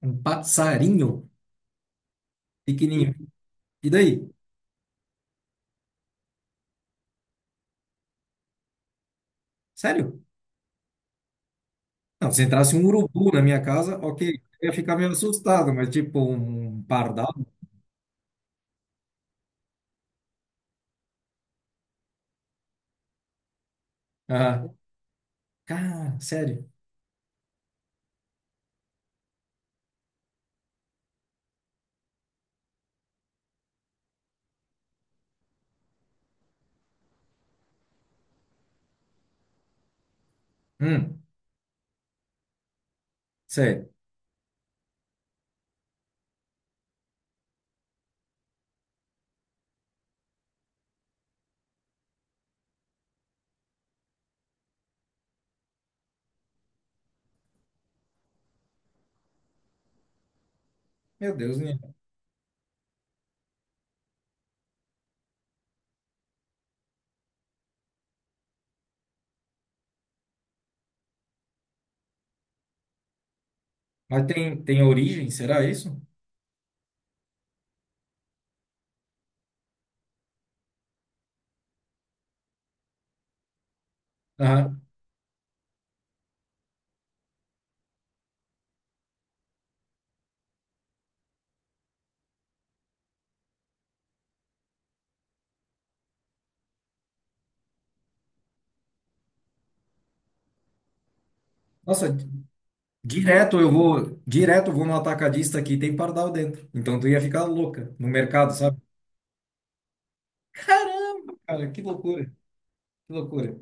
Um passarinho pequenininho. E daí? Sério? Não, se entrasse um urubu na minha casa, ok, eu ia ficar meio assustado, mas tipo um pardal? Ah, cara, sério? Hum, sério. Meu Deus, né? Mas tem origem, será isso? Aham. Nossa, direto eu vou no atacadista aqui, tem pardal dentro. Então tu ia ficar louca no mercado, sabe? Caramba, cara, que loucura, que loucura.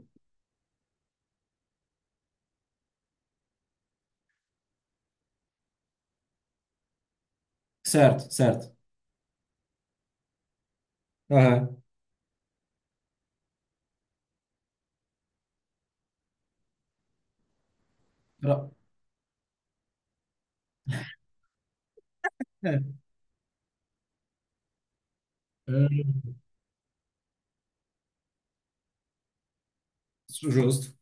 Certo, certo. Aham. Pra- É. Hum, justo.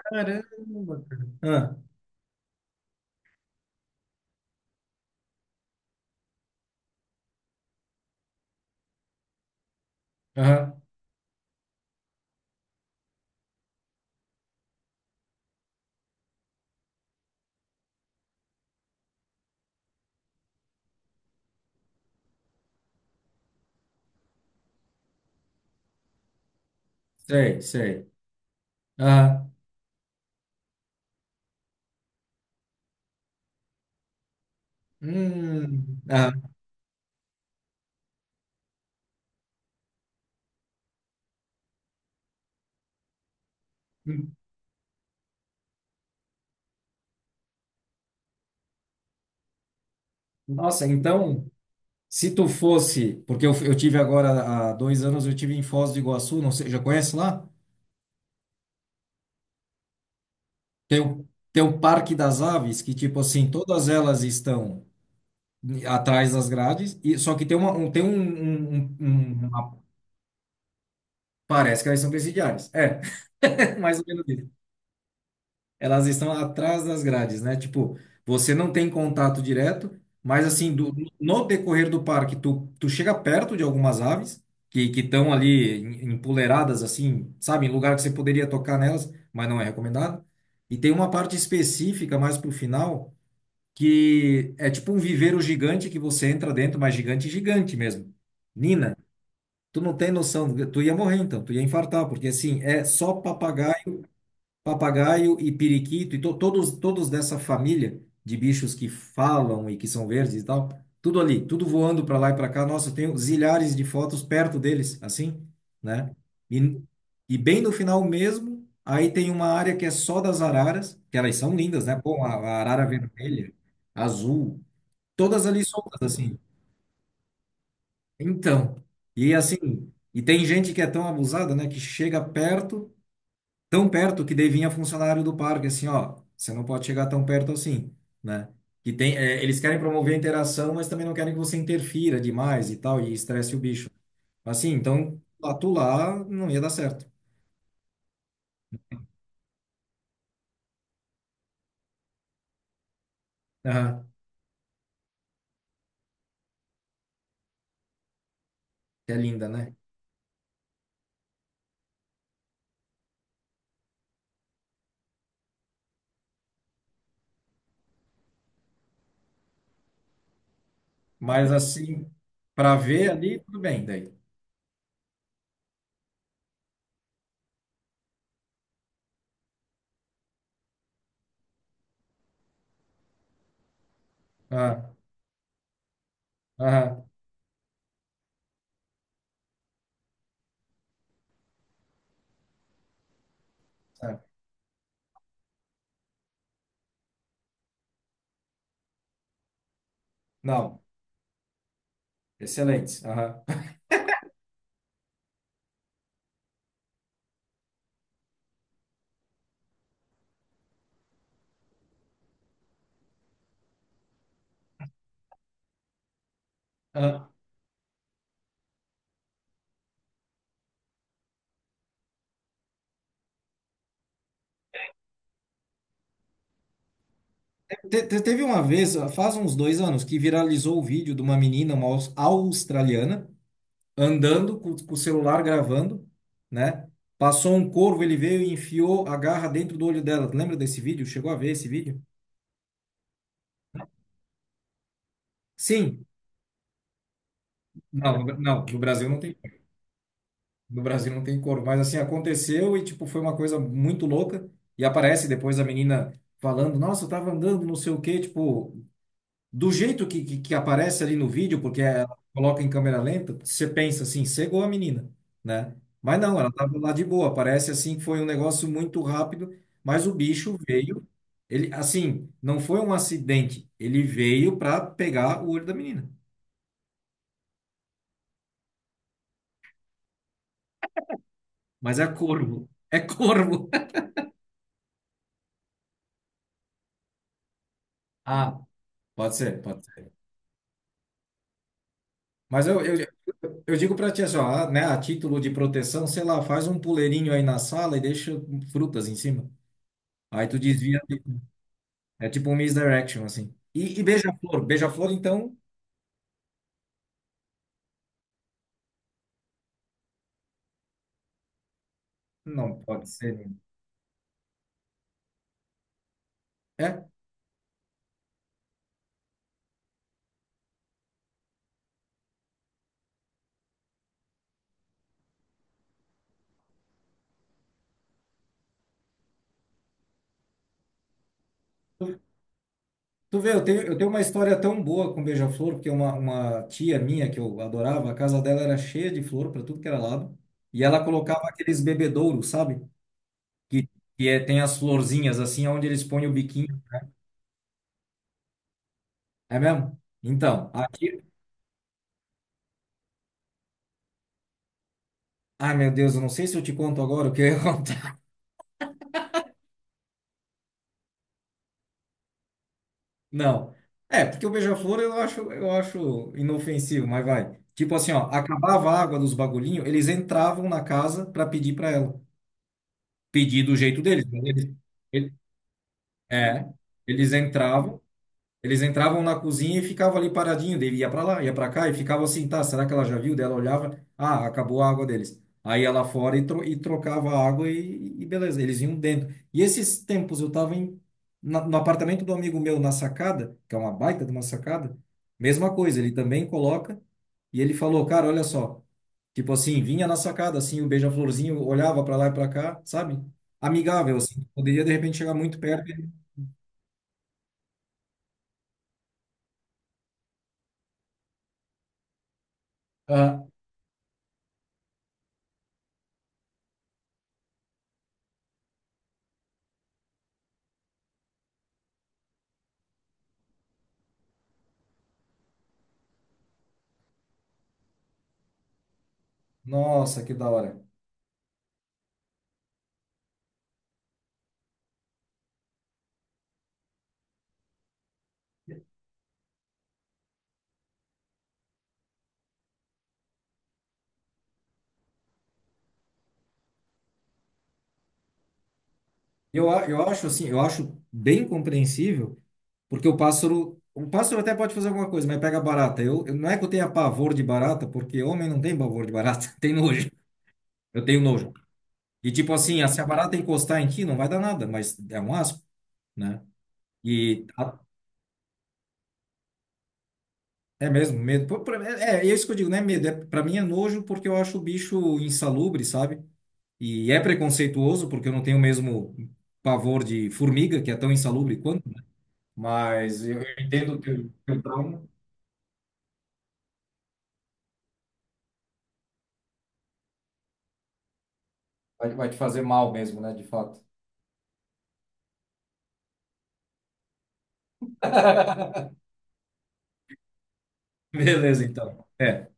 Caramba, cara. Ah, aham, sei, sei. Ah, ah, hum. Nossa, então, se tu fosse, porque eu tive agora há 2 anos, eu tive em Foz do Iguaçu, não sei, já conhece lá? Tem o, tem o Parque das Aves, que tipo assim, todas elas estão atrás das grades, e, só que tem uma, um, tem um, um- um- um, parece que elas são presidiárias, é, mais ou menos isso. Elas estão atrás das grades, né? Tipo, você não tem contato direto, mas assim, no decorrer do parque, tu chega perto de algumas aves que estão ali empoleiradas, assim, sabe, em lugar que você poderia tocar nelas, mas não é recomendado. E tem uma parte específica mais pro final que é tipo um viveiro gigante que você entra dentro, mas gigante, gigante mesmo. Nina, tu não tem noção, tu ia morrer então, tu ia infartar, porque assim, é só papagaio. Papagaio e periquito, e todos dessa família de bichos que falam e que são verdes e tal, tudo ali, tudo voando para lá e para cá. Nossa, eu tenho zilhares de fotos perto deles, assim, né? E, e bem no final mesmo, aí tem uma área que é só das araras, que elas são lindas, né? Pô, a arara vermelha, azul, todas ali soltas, assim. Então, e assim, e tem gente que é tão abusada, né, que chega perto tão perto que daí vinha funcionário do parque, assim, ó, você não pode chegar tão perto assim, né? Que tem, é, eles querem promover a interação, mas também não querem que você interfira demais e tal, e estresse o bicho. Assim, então, lá tu lá não ia dar certo. Aham, que é linda, né? Mas assim, para ver ali, tudo bem, daí. Ah, aham, certo. Não, excelente. Aham. Aham. Teve uma vez, faz uns 2 anos, que viralizou o vídeo de uma menina, uma australiana, andando com o celular gravando, né? Passou um corvo, ele veio e enfiou a garra dentro do olho dela. Lembra desse vídeo? Chegou a ver esse vídeo? Sim. Não, não, no Brasil não tem corvo, mas assim aconteceu e tipo foi uma coisa muito louca, e aparece depois a menina falando: "Nossa, eu tava andando, não sei o quê", tipo, do jeito que, que aparece ali no vídeo, porque ela coloca em câmera lenta, você pensa assim, cegou a menina, né? Mas não, ela estava lá de boa. Parece assim que foi um negócio muito rápido, mas o bicho veio. Ele, assim, não foi um acidente. Ele veio para pegar o olho da menina. Mas é corvo. É corvo. Ah, pode ser, pode ser. Mas eu digo para ti assim, ó, ah, né, a título de proteção, sei lá, faz um puleirinho aí na sala e deixa frutas em cima. Aí tu desvia. É tipo um misdirection, assim. E beija-flor. Beija-flor, então, não pode ser, né? É, tu, tu vê, eu tenho uma história tão boa com beija-flor, porque uma tia minha que eu adorava, a casa dela era cheia de flor para tudo que era lado. E ela colocava aqueles bebedouros, sabe? Que, que é, tem as florzinhas, assim, onde eles põem o biquinho. É mesmo? Então, aqui. Ai, meu Deus, eu não sei se eu te conto agora o que aconteceu. Não. É, porque o beija-flor eu acho inofensivo, mas vai. Tipo assim, ó, acabava a água dos bagulhinhos, eles entravam na casa para pedir para ela. Pedir do jeito deles. Mas Eles, ele- é, eles entravam, eles entravam na cozinha e ficavam ali paradinho, daí ia para lá, ia para cá e ficava assim, tá, será que ela já viu? Daí ela olhava, ah, acabou a água deles. Aí ela fora e, trocava a água e beleza, eles iam dentro. E esses tempos eu tava no apartamento do amigo meu na sacada, que é uma baita de uma sacada, mesma coisa, ele também coloca, e ele falou, cara, olha só, tipo assim, vinha na sacada, assim, o beija-florzinho olhava para lá e para cá, sabe? Amigável, assim, poderia de repente chegar muito perto. Ah, nossa, que da hora. Eu acho assim, eu acho bem compreensível, porque o pássaro até pode fazer alguma coisa, mas pega barata. Não é que eu tenha pavor de barata, porque homem não tem pavor de barata, tem nojo. Eu tenho nojo. E tipo assim, ah, se a barata encostar em ti, não vai dar nada, mas é um asco, né? E a- é mesmo medo. Pô, é isso que eu digo, não é medo, é para mim é nojo porque eu acho o bicho insalubre, sabe? E é preconceituoso porque eu não tenho o mesmo pavor de formiga, que é tão insalubre quanto. Mas eu entendo que o trauma vai te fazer mal mesmo, né? De fato. Beleza, então. É.